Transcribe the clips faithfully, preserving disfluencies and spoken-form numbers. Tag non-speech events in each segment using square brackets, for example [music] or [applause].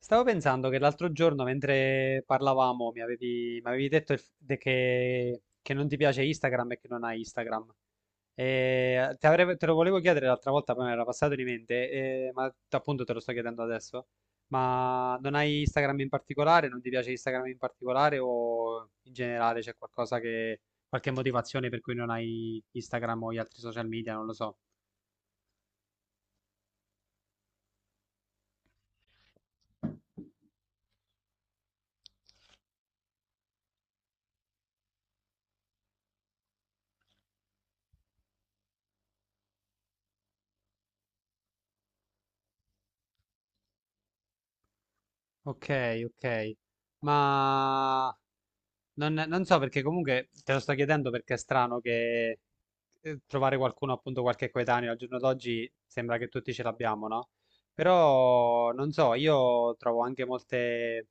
Stavo pensando che l'altro giorno, mentre parlavamo, mi avevi, mi avevi detto il f- de- che, che non ti piace Instagram e che non hai Instagram. E te, avrei- te lo volevo chiedere l'altra volta, poi mi era passato di mente, eh, ma t- appunto te lo sto chiedendo adesso. Ma non hai Instagram in particolare? Non ti piace Instagram in particolare? O in generale c'è qualcosa che, qualche motivazione per cui non hai Instagram o gli altri social media? Non lo so. Ok, ok. Ma Non, non so perché comunque te lo sto chiedendo perché è strano che eh, trovare qualcuno, appunto qualche coetaneo al giorno d'oggi sembra che tutti ce l'abbiamo, no? Però non so, io trovo anche molte,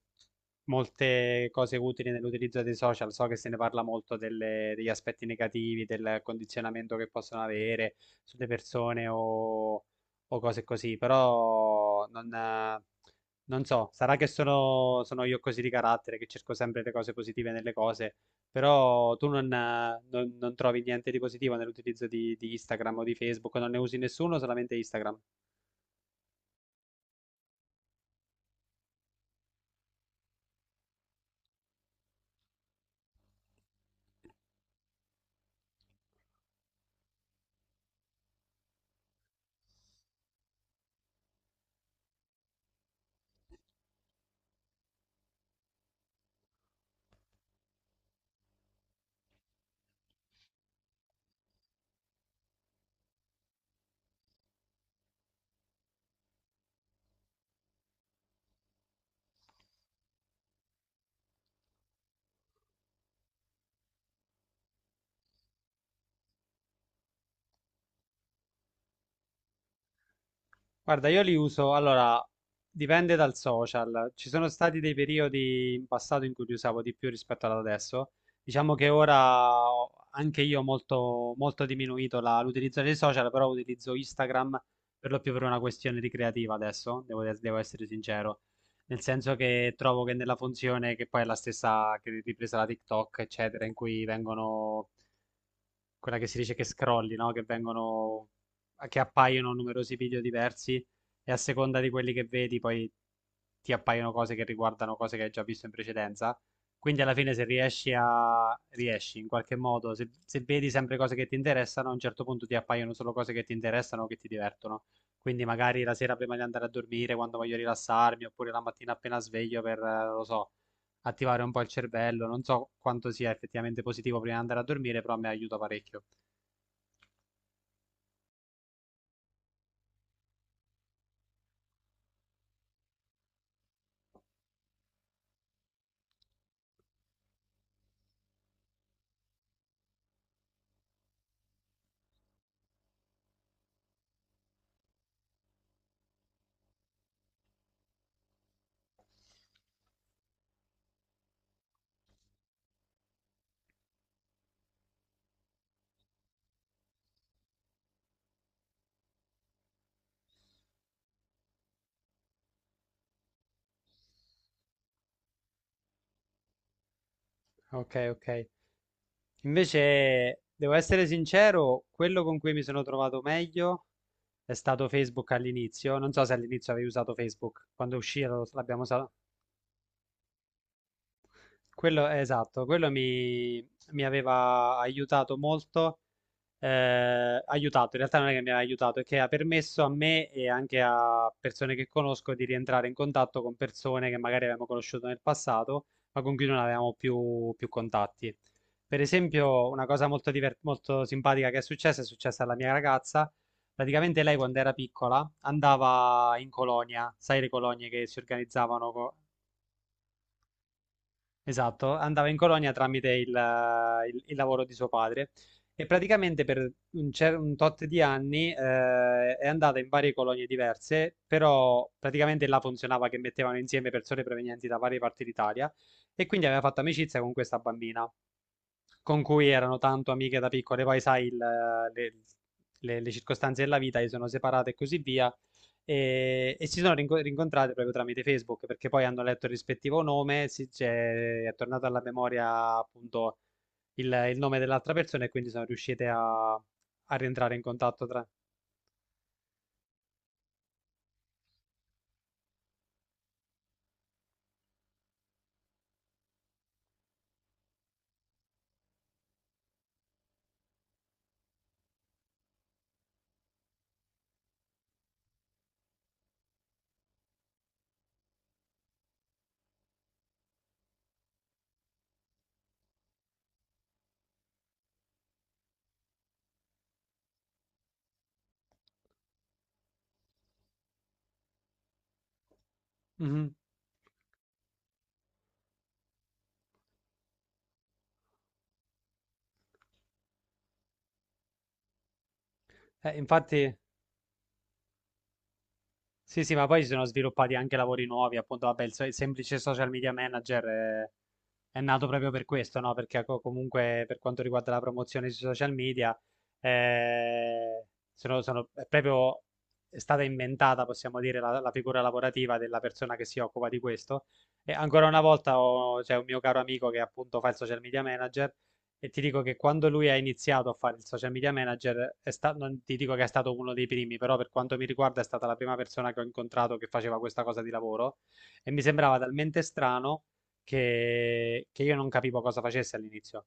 molte cose utili nell'utilizzo dei social. So che se ne parla molto delle- degli aspetti negativi, del condizionamento che possono avere sulle persone o, o cose così, però non... eh, non so, sarà che sono, sono io così di carattere, che cerco sempre le cose positive nelle cose, però tu non, eh, non- non trovi niente di positivo nell'utilizzo di, di Instagram o di Facebook, non ne usi nessuno, solamente Instagram. Guarda, io li uso, allora, dipende dal social. Ci sono stati dei periodi in passato in cui li usavo di più rispetto ad adesso. Diciamo che ora ho- anche io ho molto, molto diminuito la- l'utilizzo dei social, però utilizzo Instagram per lo più per una questione ricreativa adesso, devo, de- devo essere sincero. Nel senso che trovo che nella funzione, che poi è la stessa che ripresa da TikTok, eccetera, in cui vengono quella che si dice che scrolli, no? Che vengono, che appaiono numerosi video diversi e a seconda di quelli che vedi poi ti appaiono cose che riguardano cose che hai già visto in precedenza. Quindi alla fine se riesci a, riesci in qualche modo, se, se vedi sempre cose che ti interessano, a un certo punto ti appaiono solo cose che ti interessano o che ti divertono. Quindi magari la sera prima di andare a dormire, quando voglio rilassarmi, oppure la mattina appena sveglio per, eh, non lo so, attivare un po' il cervello. Non so quanto sia effettivamente positivo prima di andare a dormire, però mi aiuta parecchio. Ok, ok. Invece, devo essere sincero, quello con cui mi sono trovato meglio è stato Facebook all'inizio. Non so se all'inizio avevi usato Facebook, quando uscì lo- l'abbiamo usato. Quello, esatto, quello mi, mi aveva aiutato molto eh, aiutato, in realtà non è che mi ha aiutato, è che ha permesso a me e anche a persone che conosco di rientrare in contatto con persone che magari avevamo conosciuto nel passato, ma con cui non avevamo più, più contatti. Per esempio, una cosa molto, diver- molto simpatica che è successa, è successa alla mia ragazza. Praticamente lei quando era piccola andava in colonia, sai le colonie che si organizzavano co- Esatto, andava in colonia tramite il, eh, il- il lavoro di suo padre e praticamente per un, cer- un tot di anni eh, è andata in varie colonie diverse, però praticamente là funzionava che mettevano insieme persone provenienti da varie parti d'Italia e quindi aveva fatto amicizia con questa bambina con cui erano tanto amiche da piccole, poi sai, il, le, le- le circostanze della vita, si sono separate e così via, e, e si sono rinco- rincontrate proprio tramite Facebook, perché poi hanno letto il rispettivo nome, si, c'è- è tornato alla memoria appunto il, il nome dell'altra persona e quindi sono riuscite a, a rientrare in contatto tra... Mhm. Eh, infatti... Sì, sì, ma poi si sono sviluppati anche lavori nuovi, appunto, vabbè, il, so- il semplice social media manager eh, è, nato proprio per questo, no? Perché co- comunque per quanto riguarda la promozione sui social media, eh, sono, sono- è proprio è stata inventata, possiamo dire, la, la figura lavorativa della persona che si occupa di questo. E ancora una volta ho- c'è un mio caro amico che appunto fa il social media manager e ti dico che quando lui ha iniziato a fare il social media manager, è sta- non ti dico che è stato uno dei primi, però per quanto mi riguarda è stata la prima persona che ho incontrato che faceva questa cosa di lavoro e mi sembrava talmente strano che, che io non capivo cosa facesse all'inizio.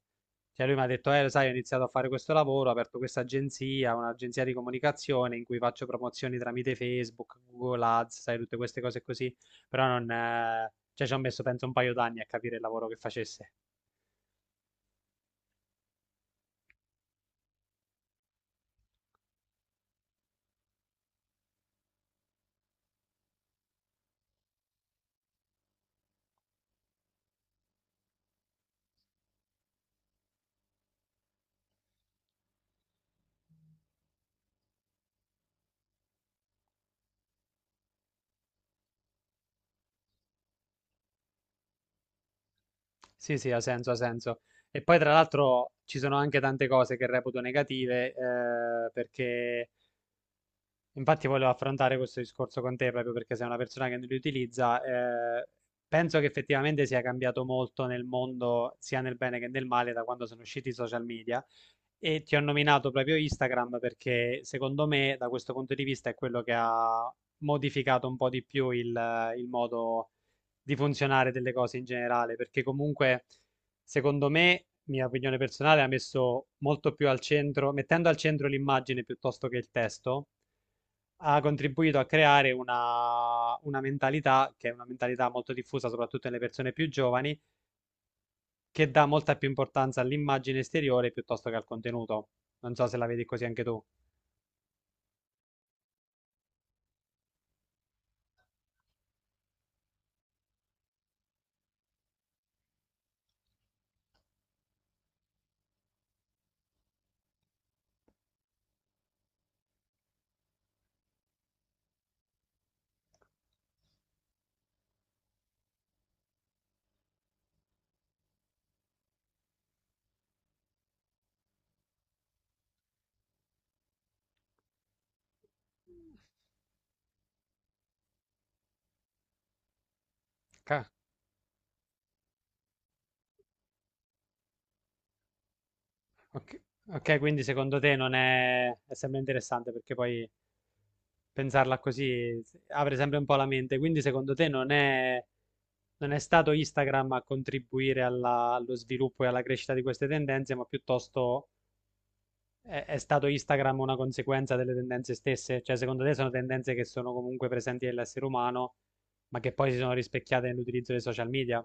Cioè lui mi ha detto, eh, lo sai, ho iniziato a fare questo lavoro, ho aperto questa agenzia, un'agenzia di comunicazione in cui faccio promozioni tramite Facebook, Google Ads, sai, tutte queste cose così, però non... eh, Cioè, ci ho messo penso un paio d'anni a capire il lavoro che facesse. Sì, sì, ha senso, ha senso. E poi tra l'altro ci sono anche tante cose che reputo negative, eh, perché infatti volevo affrontare questo discorso con te proprio perché sei una persona che non li utilizza. Eh, penso che effettivamente sia cambiato molto nel mondo, sia nel bene che nel male, da quando sono usciti i social media. E ti ho nominato proprio Instagram perché secondo me da questo punto di vista è quello che ha modificato un po' di più il, il modo di funzionare delle cose in generale, perché comunque secondo me, mia opinione personale, ha messo molto più al centro, mettendo al centro l'immagine piuttosto che il testo, ha contribuito a creare una, una mentalità che è una mentalità molto diffusa soprattutto nelle persone più giovani che dà molta più importanza all'immagine esteriore piuttosto che al contenuto. Non so se la vedi così anche tu. Ca- Ok, ok, quindi secondo te non è... è sempre interessante perché poi pensarla così apre sempre un po' la mente. Quindi secondo te non è, non è stato Instagram a contribuire alla- allo sviluppo e alla crescita di queste tendenze, ma piuttosto è... è stato Instagram una conseguenza delle tendenze stesse? Cioè secondo te sono tendenze che sono comunque presenti nell'essere umano, ma che poi si sono rispecchiate nell'utilizzo dei social media?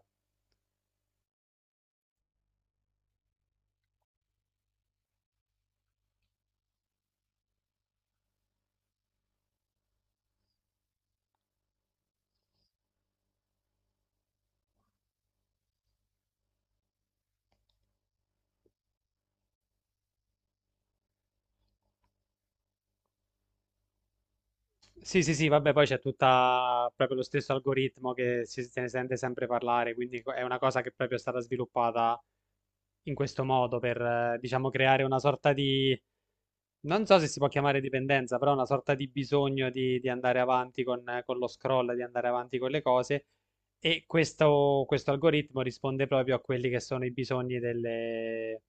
Sì, sì, sì, vabbè, poi c'è tutta proprio lo stesso algoritmo che si, se ne sente sempre parlare, quindi è una cosa che proprio è stata sviluppata in questo modo per, eh, diciamo, creare una sorta di, non so se si può chiamare dipendenza, però una sorta di bisogno di, di andare avanti con, eh, con lo scroll, di andare avanti con le cose. E questo, questo algoritmo risponde proprio a quelli che sono i bisogni delle,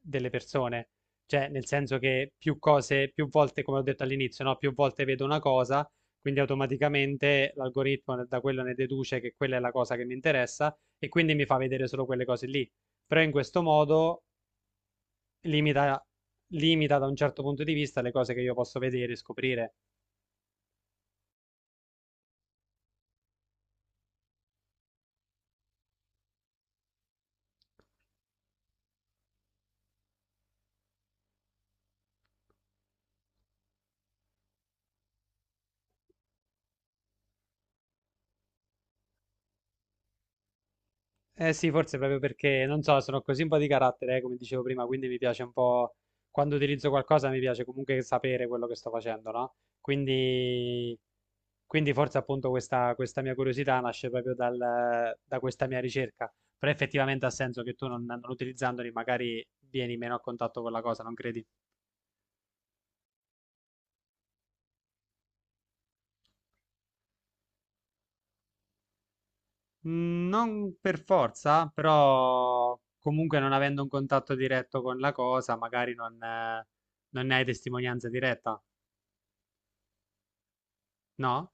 delle persone. Cioè, nel senso che più cose, più volte, come ho detto all'inizio, no? Più volte vedo una cosa, quindi automaticamente l'algoritmo da quello ne deduce che quella è la cosa che mi interessa e quindi mi fa vedere solo quelle cose lì. Però in questo modo limita, limita da un certo punto di vista le cose che io posso vedere e scoprire. Eh sì, forse proprio perché, non so, sono così un po' di carattere, eh, come dicevo prima, quindi mi piace un po', quando utilizzo qualcosa mi piace comunque sapere quello che sto facendo, no? Quindi, quindi forse appunto questa, questa mia curiosità nasce proprio dal- da questa mia ricerca, però effettivamente ha senso che tu non, non utilizzandoli magari vieni meno a contatto con la cosa, non credi? Mm, Non per forza, però comunque non avendo un contatto diretto con la cosa, magari non, eh, non ne hai testimonianza diretta, no?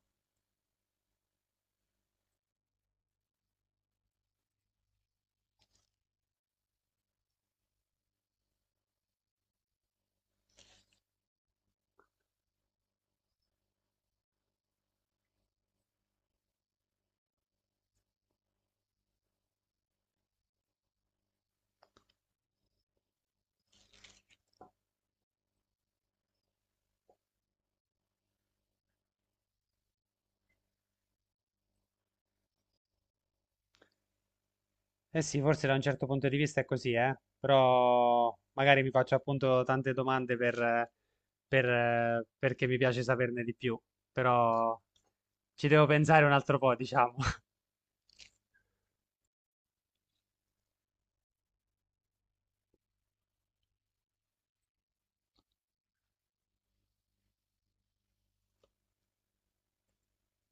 Eh sì, forse da un certo punto di vista è così, eh? Però magari mi faccio appunto tante domande per, eh, per, eh, perché mi piace saperne di più, però ci devo pensare un altro po', diciamo. [laughs]